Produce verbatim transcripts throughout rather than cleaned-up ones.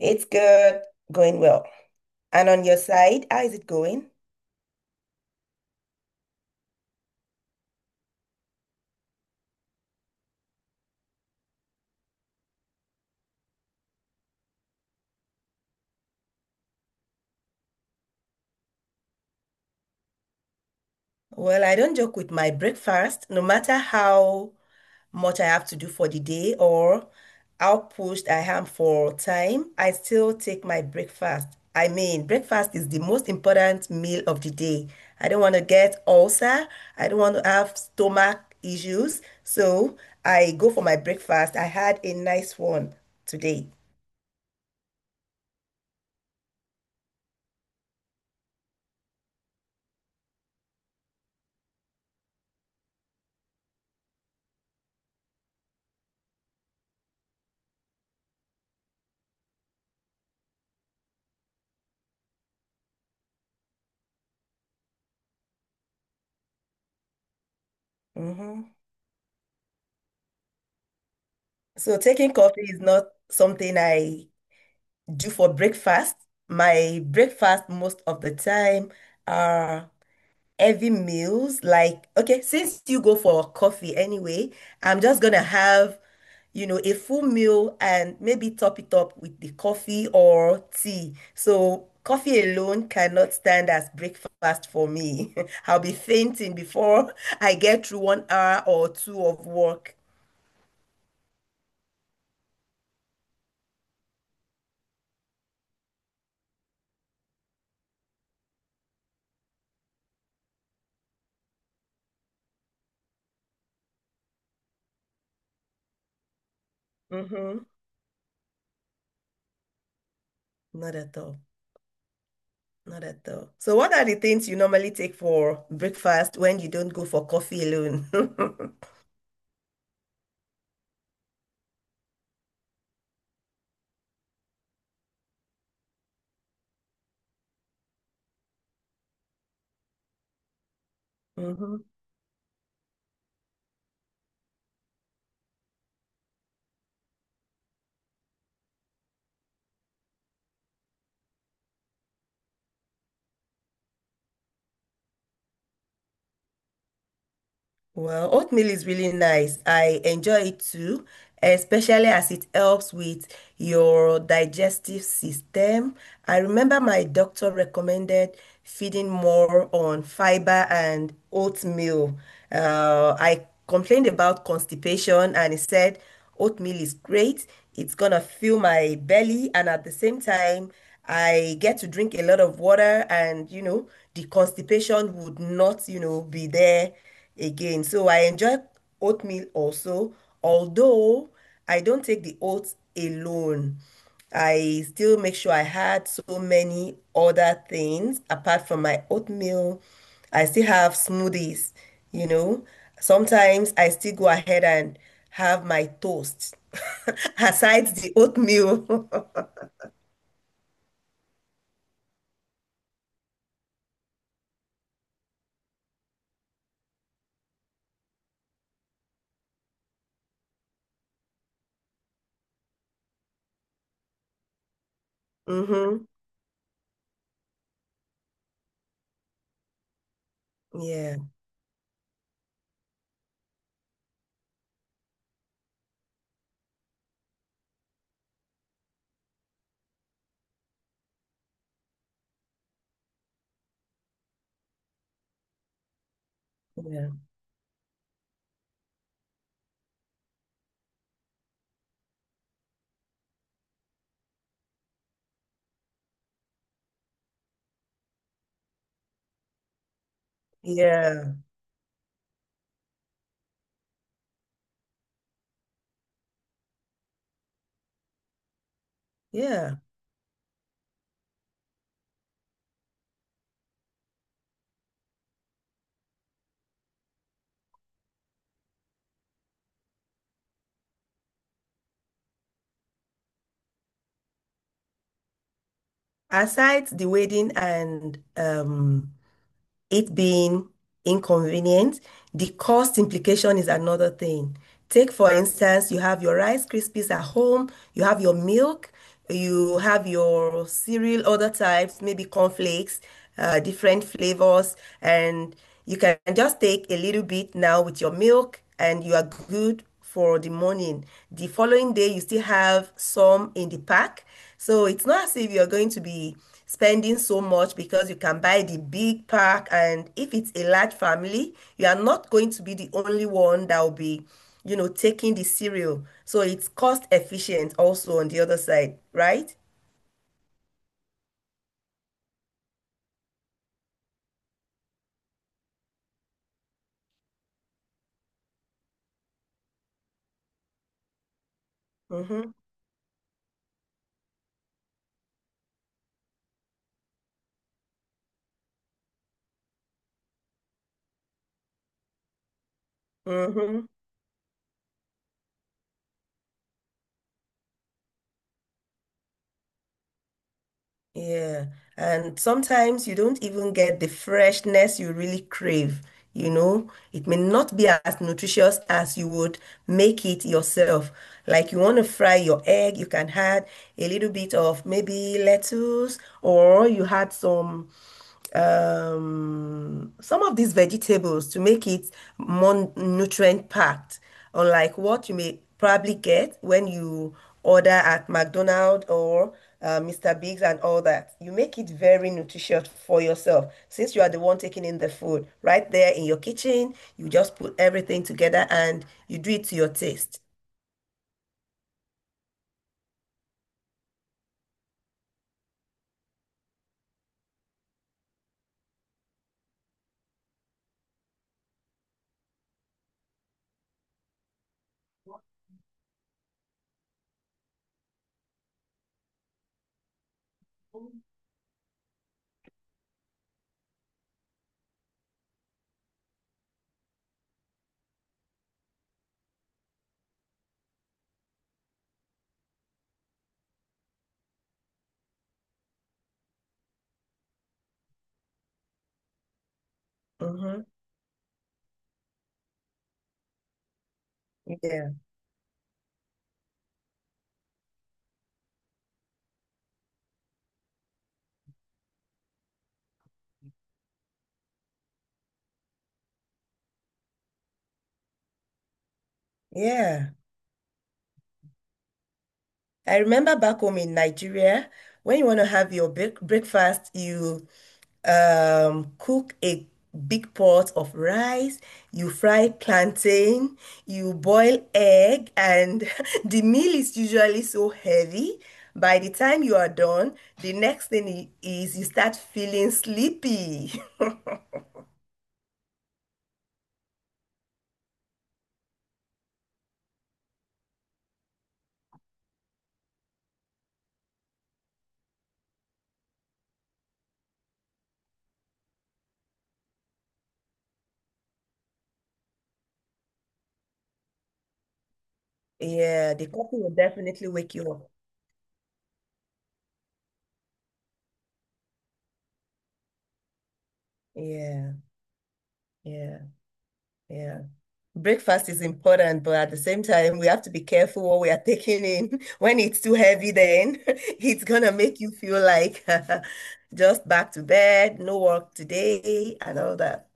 It's good, going well. And on your side, how is it going? Well, I don't joke with my breakfast, no matter how much I have to do for the day or how pushed I am for time, I still take my breakfast. I mean, breakfast is the most important meal of the day. I don't want to get ulcer. I don't want to have stomach issues. So I go for my breakfast. I had a nice one today. Mhm. So taking coffee is not something I do for breakfast. My breakfast most of the time are heavy meals. Like, okay, since you go for coffee anyway, I'm just gonna have, you know, a full meal and maybe top it up with the coffee or tea. So coffee alone cannot stand as breakfast for me. I'll be fainting before I get through one hour or two of work. hmm Not at all. Not at all. So, what are the things you normally take for breakfast when you don't go for coffee alone? Mhm. Well, oatmeal is really nice. I enjoy it too, especially as it helps with your digestive system. I remember my doctor recommended feeding more on fiber and oatmeal. Uh, I complained about constipation and he said oatmeal is great. It's gonna fill my belly and at the same time, I get to drink a lot of water and you know, the constipation would not, you know, be there again. So I enjoy oatmeal also, although I don't take the oats alone. I still make sure I had so many other things apart from my oatmeal. I still have smoothies, you know. Sometimes I still go ahead and have my toast aside the oatmeal. Mm-hmm. Yeah, yeah, yeah, yeah. Aside the wedding and um it being inconvenient, the cost implication is another thing. Take, for instance, you have your Rice Krispies at home, you have your milk, you have your cereal, other types, maybe cornflakes, uh, different flavors, and you can just take a little bit now with your milk, and you are good for the morning. The following day, you still have some in the pack. So it's not as if you're going to be spending so much because you can buy the big pack. And if it's a large family, you are not going to be the only one that will be, you know, taking the cereal. So it's cost efficient also on the other side, right? Mm-hmm. Mm-hmm. Yeah, and sometimes you don't even get the freshness you really crave, you know. It may not be as nutritious as you would make it yourself. Like you want to fry your egg, you can add a little bit of maybe lettuce, or you had some um some of these vegetables to make it more nutrient packed unlike what you may probably get when you order at McDonald's or uh, Mister Biggs and all that. You make it very nutritious for yourself since you are the one taking in the food right there in your kitchen. You just put everything together and you do it to your taste. Mhm. Yeah. Yeah. I remember back home in Nigeria, when you want to have your break breakfast, you um, cook a big pot of rice, you fry plantain, you boil egg, and the meal is usually so heavy. By the time you are done, the next thing i- is you start feeling sleepy. Yeah, the coffee will definitely wake you up. Yeah, yeah, yeah. Breakfast is important, but at the same time, we have to be careful what we are taking in. When it's too heavy, then it's gonna make you feel like just back to bed, no work today, and all that.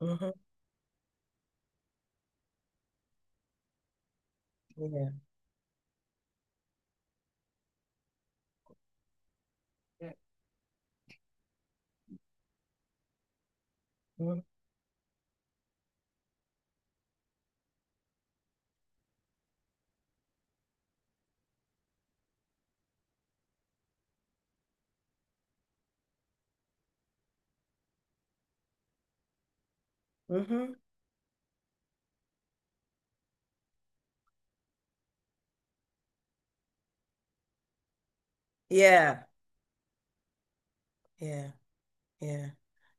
hmm Yeah. Mm-hmm. Mm-hmm. Yeah. Yeah. Yeah.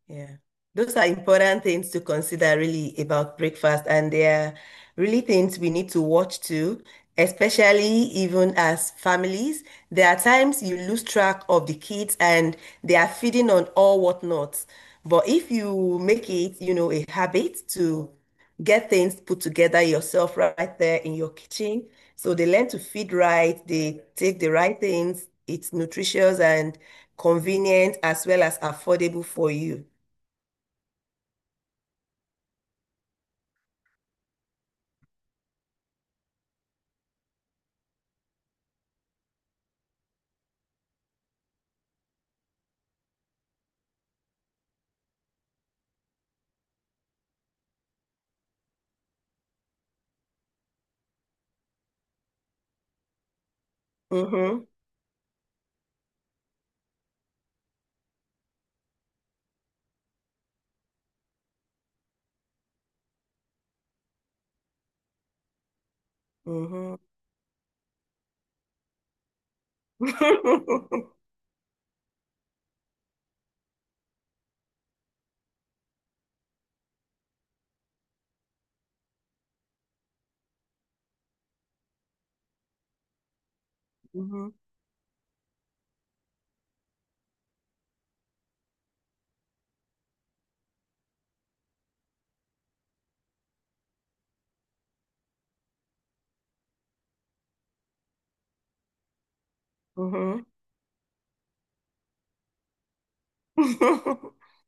Yeah. Those are important things to consider really about breakfast, and they are really things we need to watch too, especially even as families. There are times you lose track of the kids and they are feeding on all whatnots. But if you make it, you know, a habit to get things put together yourself right there in your kitchen, so they learn to feed right, they take the right things, it's nutritious and convenient as well as affordable for you. Mm-hmm. Mm-hmm. Mm-hmm. Mm-hmm.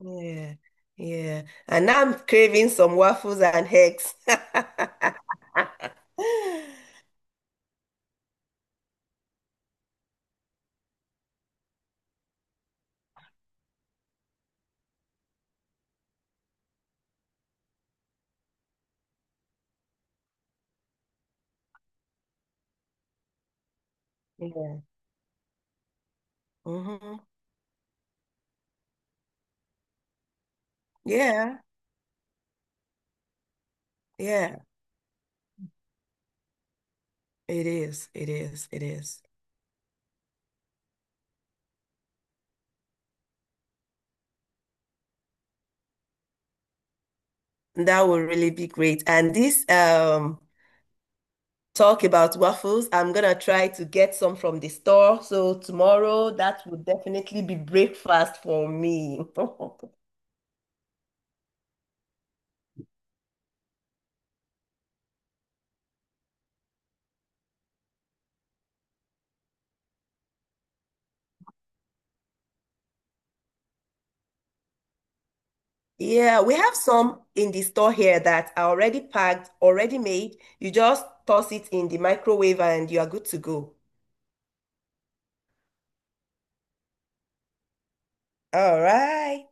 Yeah. Yeah. And now I'm craving some waffles and eggs. Yeah. Mm-hmm. Yeah. Yeah. It is. It is. It is. That will really be great. And this um talk about waffles, I'm gonna try to get some from the store. So tomorrow that will definitely be breakfast for me. Yeah, we have some in the store here that are already packed, already made. You just toss it in the microwave and you are good to go. All right.